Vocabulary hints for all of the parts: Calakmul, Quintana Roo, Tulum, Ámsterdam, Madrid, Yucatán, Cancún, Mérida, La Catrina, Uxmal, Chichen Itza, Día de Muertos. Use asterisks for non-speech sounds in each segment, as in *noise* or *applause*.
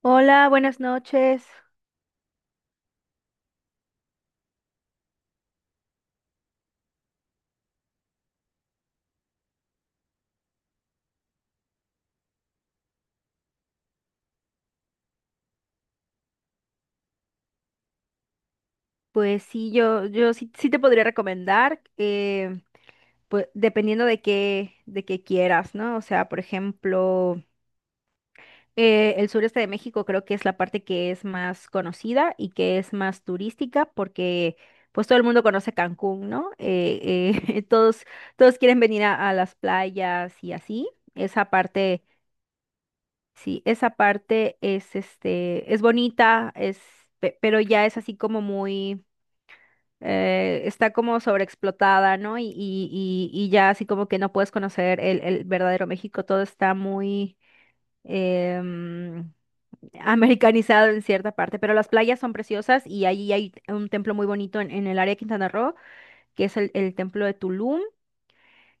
Hola, buenas noches. Pues sí, yo sí, sí te podría recomendar, pues dependiendo de qué quieras, ¿no? O sea, por ejemplo, el sureste de México creo que es la parte que es más conocida y que es más turística porque pues todo el mundo conoce Cancún, ¿no? *laughs* Todos quieren venir a las playas y así. Esa parte. Sí, esa parte es, es bonita, pero ya es así como muy está como sobreexplotada, ¿no? Y ya así como que no puedes conocer el verdadero México, todo está muy em, americanizado en cierta parte, pero las playas son preciosas y allí hay un templo muy bonito en el área de Quintana Roo, que es el templo de Tulum.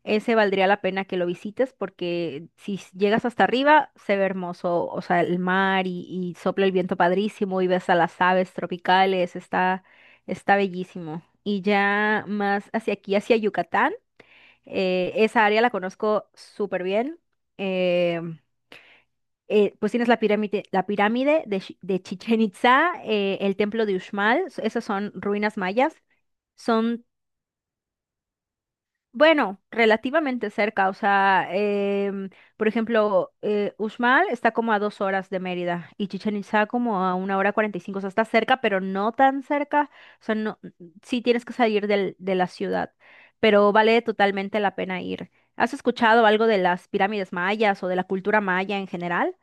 Ese valdría la pena que lo visites porque si llegas hasta arriba se ve hermoso, o sea, el mar y sopla el viento padrísimo y ves a las aves tropicales, está bellísimo. Y ya más hacia aquí, hacia Yucatán, esa área la conozco súper bien. eh, pues tienes la pirámide de Chichen Itza, el templo de Uxmal, esas son ruinas mayas. Son Bueno, relativamente cerca, o sea, por ejemplo, Uxmal está como a 2 horas de Mérida y Chichén Itzá como a una hora 45, o sea, está cerca, pero no tan cerca, o sea, no, sí tienes que salir de la ciudad, pero vale totalmente la pena ir. ¿Has escuchado algo de las pirámides mayas o de la cultura maya en general?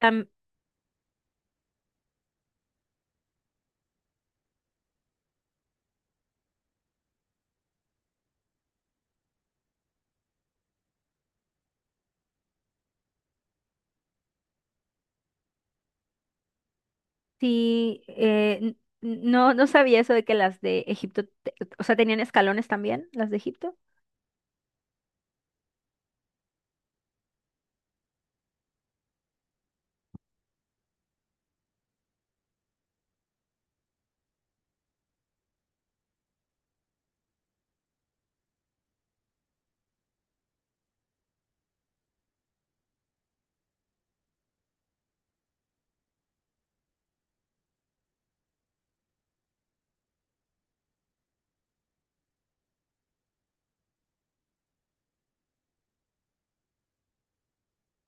Am- sí, no, no sabía eso de que las de Egipto, o sea, tenían escalones también, las de Egipto.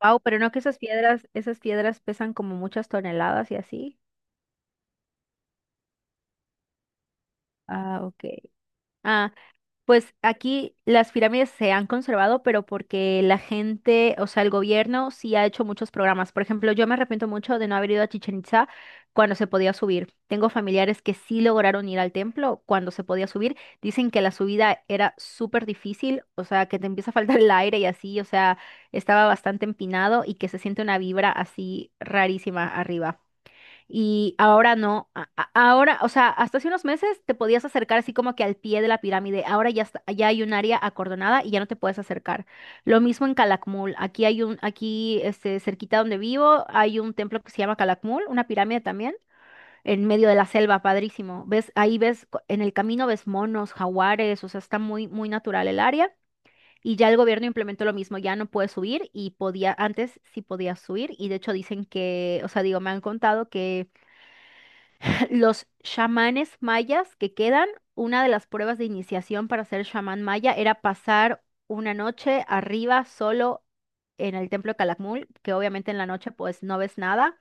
Wow, pero no que esas piedras pesan como muchas toneladas y así. Ah, ok. Ah, pues aquí las pirámides se han conservado, pero porque la gente, o sea, el gobierno sí ha hecho muchos programas. Por ejemplo, yo me arrepiento mucho de no haber ido a Chichen Itza cuando se podía subir. Tengo familiares que sí lograron ir al templo cuando se podía subir. Dicen que la subida era súper difícil, o sea, que te empieza a faltar el aire y así, o sea, estaba bastante empinado y que se siente una vibra así rarísima arriba. Y ahora no, ahora, o sea, hasta hace unos meses te podías acercar así como que al pie de la pirámide, ahora ya, ya hay un área acordonada y ya no te puedes acercar. Lo mismo en Calakmul, aquí cerquita donde vivo hay un templo que se llama Calakmul, una pirámide también, en medio de la selva, padrísimo. Ahí ves, en el camino ves monos, jaguares, o sea, está muy, muy natural el área. Y ya el gobierno implementó lo mismo, ya no puedes subir y podía, antes sí podías subir y de hecho dicen que, o sea, digo, me han contado que *laughs* los chamanes mayas que quedan, una de las pruebas de iniciación para ser chamán maya era pasar una noche arriba solo en el templo de Calakmul, que obviamente en la noche pues no ves nada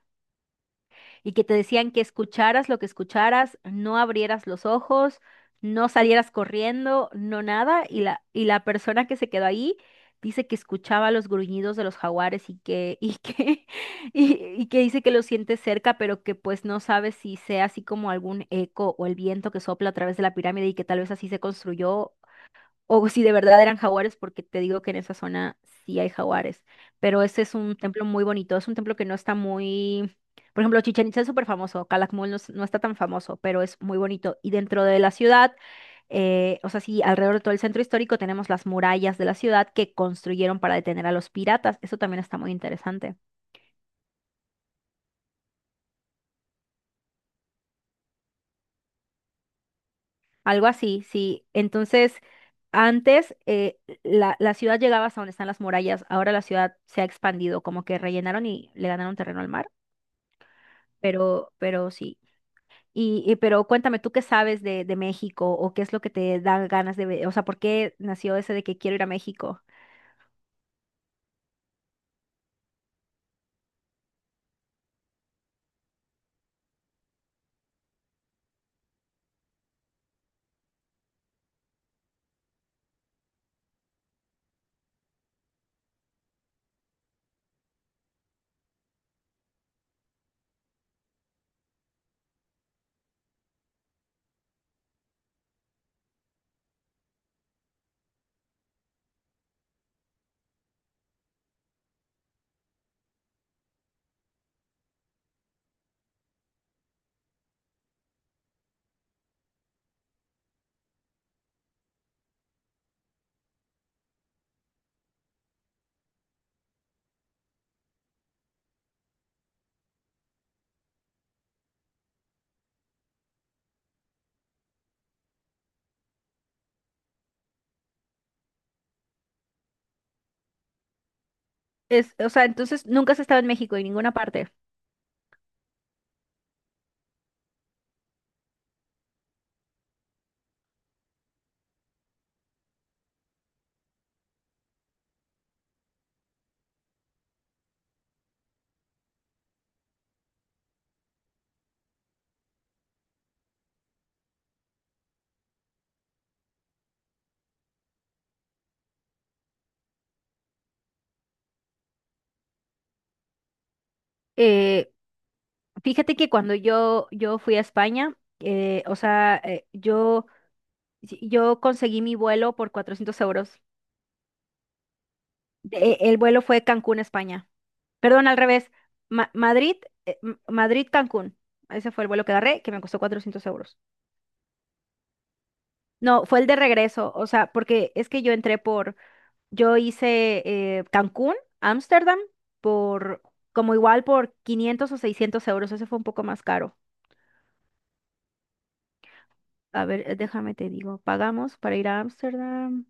y que te decían que escucharas lo que escucharas, no abrieras los ojos, no salieras corriendo, no nada, y la persona que se quedó ahí dice que escuchaba los gruñidos de los jaguares *laughs* y, y que dice que lo siente cerca, pero que pues no sabe si sea así como algún eco o el viento que sopla a través de la pirámide y que tal vez así se construyó o si de verdad eran jaguares, porque te digo que en esa zona sí hay jaguares. Pero ese es un templo muy bonito. Es un templo que no está muy. Por ejemplo, Chichén Itzá es súper famoso. Calakmul no, no está tan famoso, pero es muy bonito. Y dentro de la ciudad, o sea, sí, alrededor de todo el centro histórico tenemos las murallas de la ciudad que construyeron para detener a los piratas. Eso también está muy interesante. Algo así, sí. Entonces. Antes la ciudad llegaba hasta donde están las murallas, ahora la ciudad se ha expandido, como que rellenaron y le ganaron terreno al mar. Pero sí. Pero cuéntame, ¿tú qué sabes de México o qué es lo que te da ganas de ver? O sea, ¿por qué nació ese de que quiero ir a México? O sea, entonces nunca has estado en México en ninguna parte. Eh, Fíjate que cuando yo fui a España, o sea, si, yo conseguí mi vuelo por 400 euros. El vuelo fue Cancún, España. Perdón, al revés. Ma- Madrid, Madrid, Cancún. Ese fue el vuelo que agarré, que me costó 400 euros. No, fue el de regreso, o sea, porque es que yo hice Cancún, Ámsterdam, por, como igual por 500 o 600 euros, ese fue un poco más caro. A ver, déjame te digo, ¿pagamos para ir a Ámsterdam?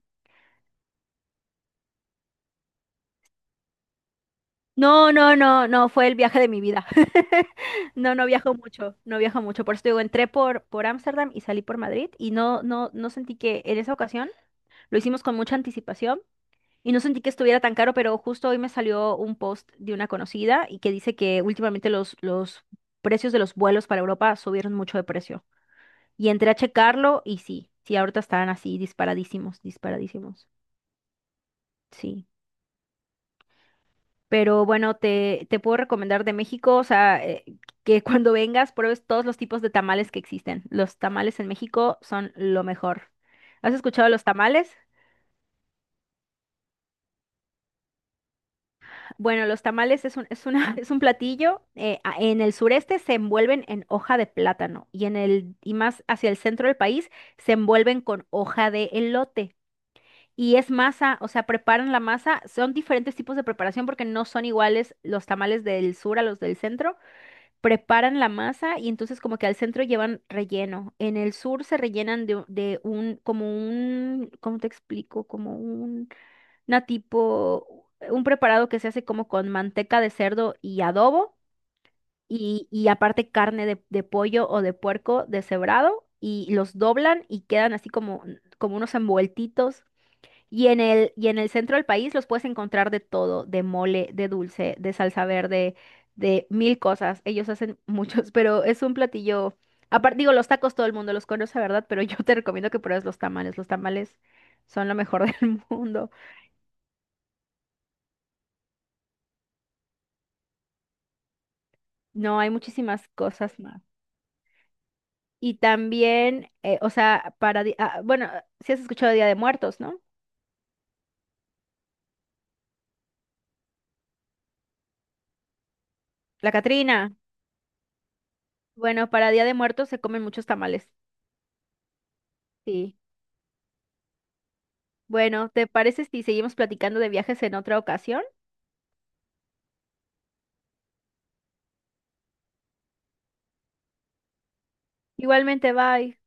No, no, no, no, fue el viaje de mi vida. *laughs* No, no viajo mucho, no viajo mucho, por eso te digo, entré por Ámsterdam y salí por Madrid y no, no, no sentí que en esa ocasión lo hicimos con mucha anticipación. Y no sentí que estuviera tan caro, pero justo hoy me salió un post de una conocida y que dice que últimamente los precios de los vuelos para Europa subieron mucho de precio. Y entré a checarlo y sí, sí, ahorita están así disparadísimos, disparadísimos. Sí. Pero bueno, te puedo recomendar de México, o sea, que cuando vengas pruebes todos los tipos de tamales que existen. Los tamales en México son lo mejor. ¿Has escuchado los tamales? Bueno, los tamales es un, es una, *laughs* es un platillo. En el sureste se envuelven en hoja de plátano y y más hacia el centro del país se envuelven con hoja de elote. Y es masa, o sea, preparan la masa. Son diferentes tipos de preparación porque no son iguales los tamales del sur a los del centro. Preparan la masa y entonces como que al centro llevan relleno. En el sur se rellenan de un, como un, ¿cómo te explico? Como un preparado que se hace como con manteca de cerdo y adobo y aparte carne de pollo o de puerco deshebrado y los doblan y quedan así como unos envueltitos. Y en el centro del país los puedes encontrar de todo, de mole, de dulce, de salsa verde, de mil cosas. Ellos hacen *laughs* muchos, pero es un platillo. Aparte, digo, los tacos todo el mundo los conoce, ¿verdad? Pero yo te recomiendo que pruebes los tamales. Los tamales son lo mejor del *laughs* mundo. No, hay muchísimas cosas más. Y también, o sea, ah, bueno, si has escuchado Día de Muertos, ¿no? La Catrina. Bueno, para Día de Muertos se comen muchos tamales. Sí. Bueno, ¿te parece si seguimos platicando de viajes en otra ocasión? Igualmente, bye.